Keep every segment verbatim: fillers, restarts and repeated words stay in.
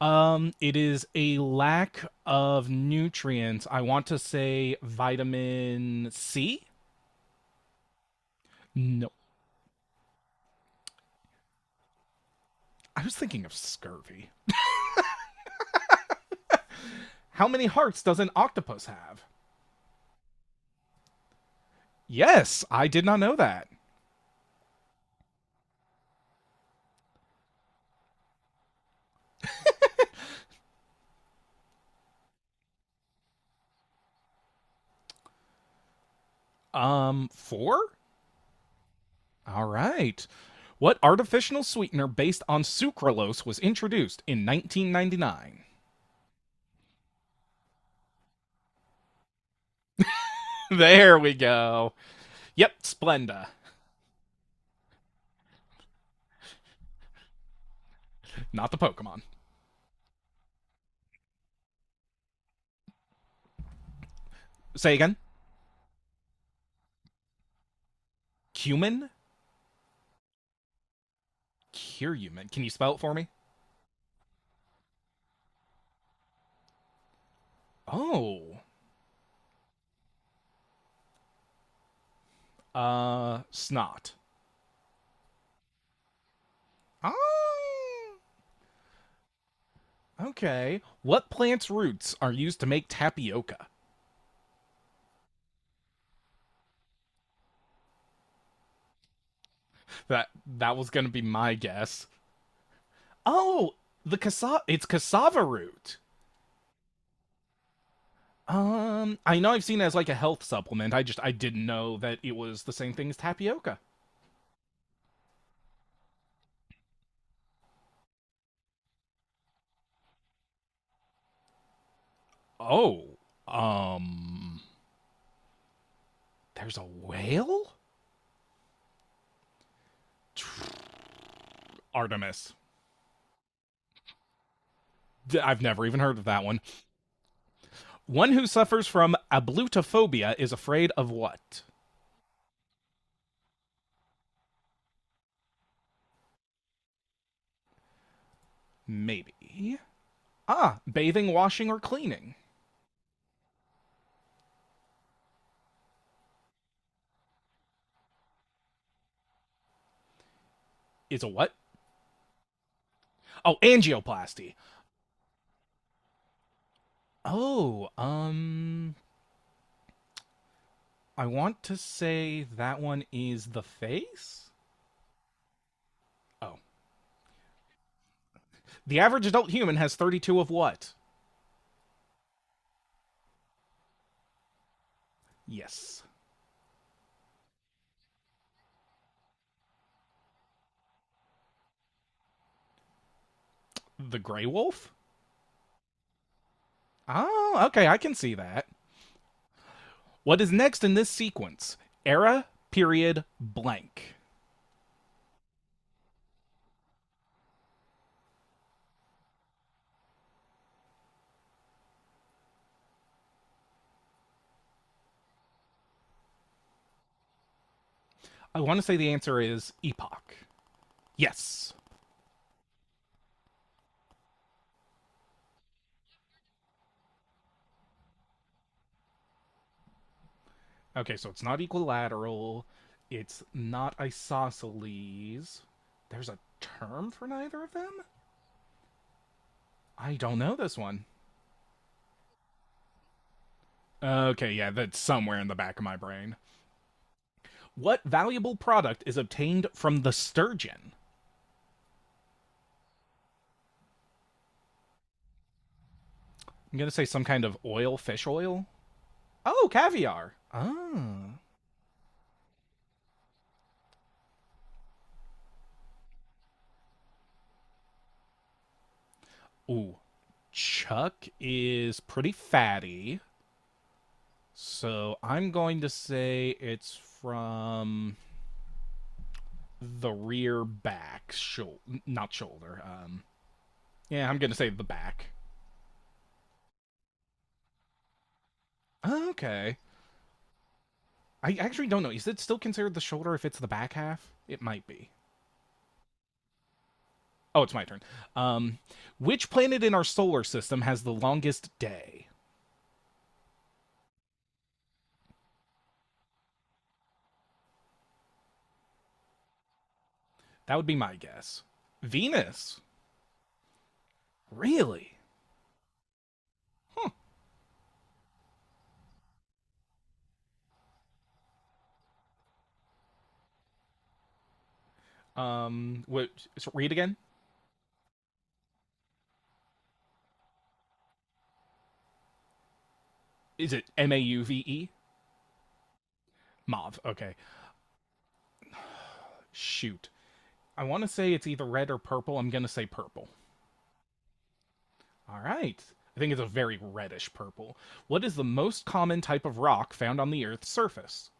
Um, it is a lack of nutrients. I want to say vitamin C. No, I was thinking of scurvy. How many hearts does an octopus have? Yes, I did not know that. Um, four? All right. What artificial sweetener based on sucralose was introduced in nineteen ninety-nine? There we go. Yep, Splenda. Not the Pokemon. Say again. Cumin? Curumin. Can you spell it for me? Oh. Uh, snot. Ah, okay. What plant's roots are used to make tapioca? That that was gonna be my guess. Oh, the cassava. It's cassava root. Um, I know I've seen it as like a health supplement. I just I didn't know that it was the same thing as tapioca. Oh, um, there's a whale. Artemis. i I've never even heard of that one. One who suffers from ablutophobia is afraid of what? Maybe. Ah, bathing, washing, or cleaning is a what? Oh, angioplasty. Oh, um, I want to say that one is the face? Oh. The average adult human has thirty-two of what? Yes. The gray wolf? Oh, okay, I can see that. What is next in this sequence? Era, period, blank. I want to say the answer is epoch. Yes. Okay, so it's not equilateral. It's not isosceles. There's a term for neither of them? I don't know this one. Okay, yeah, that's somewhere in the back of my brain. What valuable product is obtained from the sturgeon? I'm going to say some kind of oil, fish oil. Oh, caviar. Ah. Ooh. Chuck is pretty fatty. So I'm going to say it's from the rear back shoulder, not shoulder. Um, yeah, I'm gonna say the back. Okay, I actually don't know. Is it still considered the shoulder if it's the back half? It might be. Oh, it's my turn. Um, which planet in our solar system has the longest day? That would be my guess. Venus. Really? Huh. Um, what? So read again. Is it M A U V E? Mauve. Okay. Shoot. I want to say it's either red or purple. I'm gonna say purple. All right. I think it's a very reddish purple. What is the most common type of rock found on the Earth's surface?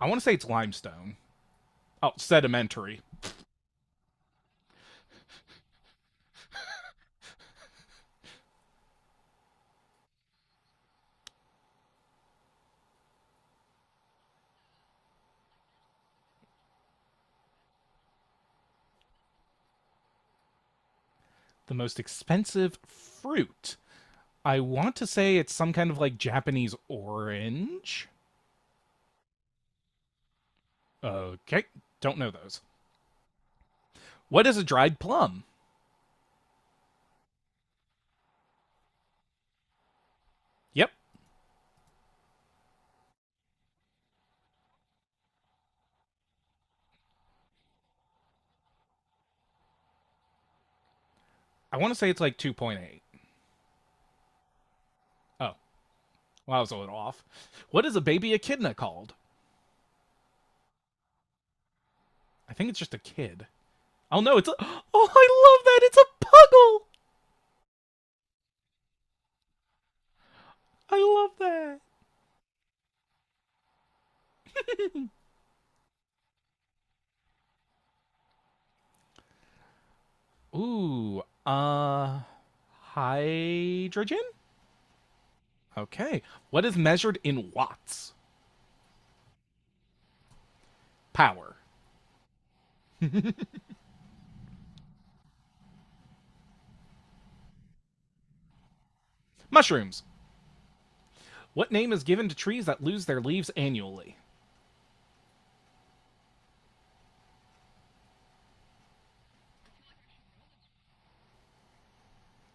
I want to say it's limestone. Oh, sedimentary. The most expensive fruit. I want to say it's some kind of like Japanese orange. Okay, don't know those. What is a dried plum? Yep, I want to say it's like two point eight. Oh, well, I was a little off. What is a baby echidna called? I think it's just a kid. Oh no, it's a. Oh, I love that! It's a puggle! I love that. Ooh, uh, hydrogen? Okay. What is measured in watts? Power. Mushrooms. What name is given to trees that lose their leaves annually?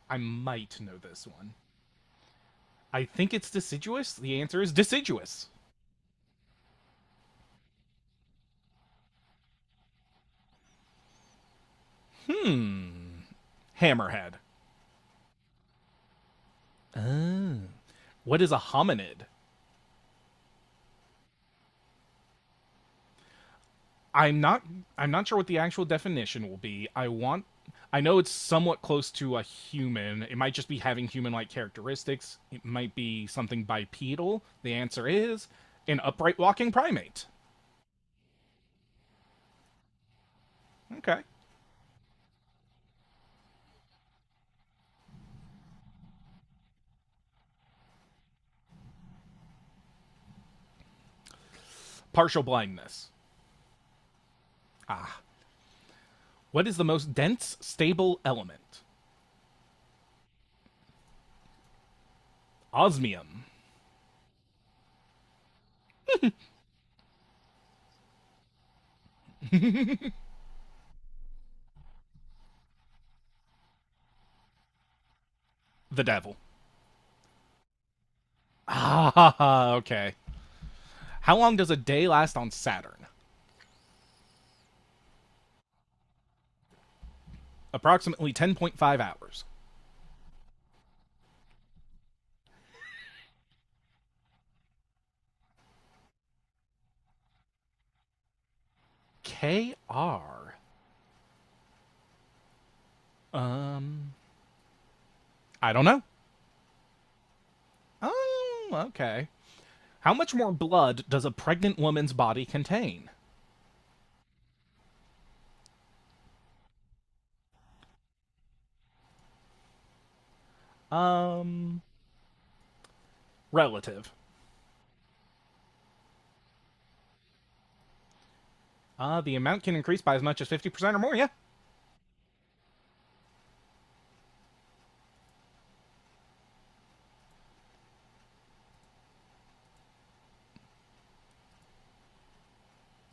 I might know this one. I think it's deciduous. The answer is deciduous. Hmm. Hammerhead. What is a hominid? I'm not I'm not sure what the actual definition will be. I want I know it's somewhat close to a human. It might just be having human-like characteristics. It might be something bipedal. The answer is an upright walking primate. Okay. Partial blindness. What is the most dense stable element? Osmium. The devil. Ah, okay. How long does a day last on Saturn? Approximately ten point five hours. K R. Um, I don't know. Oh, okay. How much more blood does a pregnant woman's body contain? Um, Relative. Uh, the amount can increase by as much as fifty percent or more, yeah.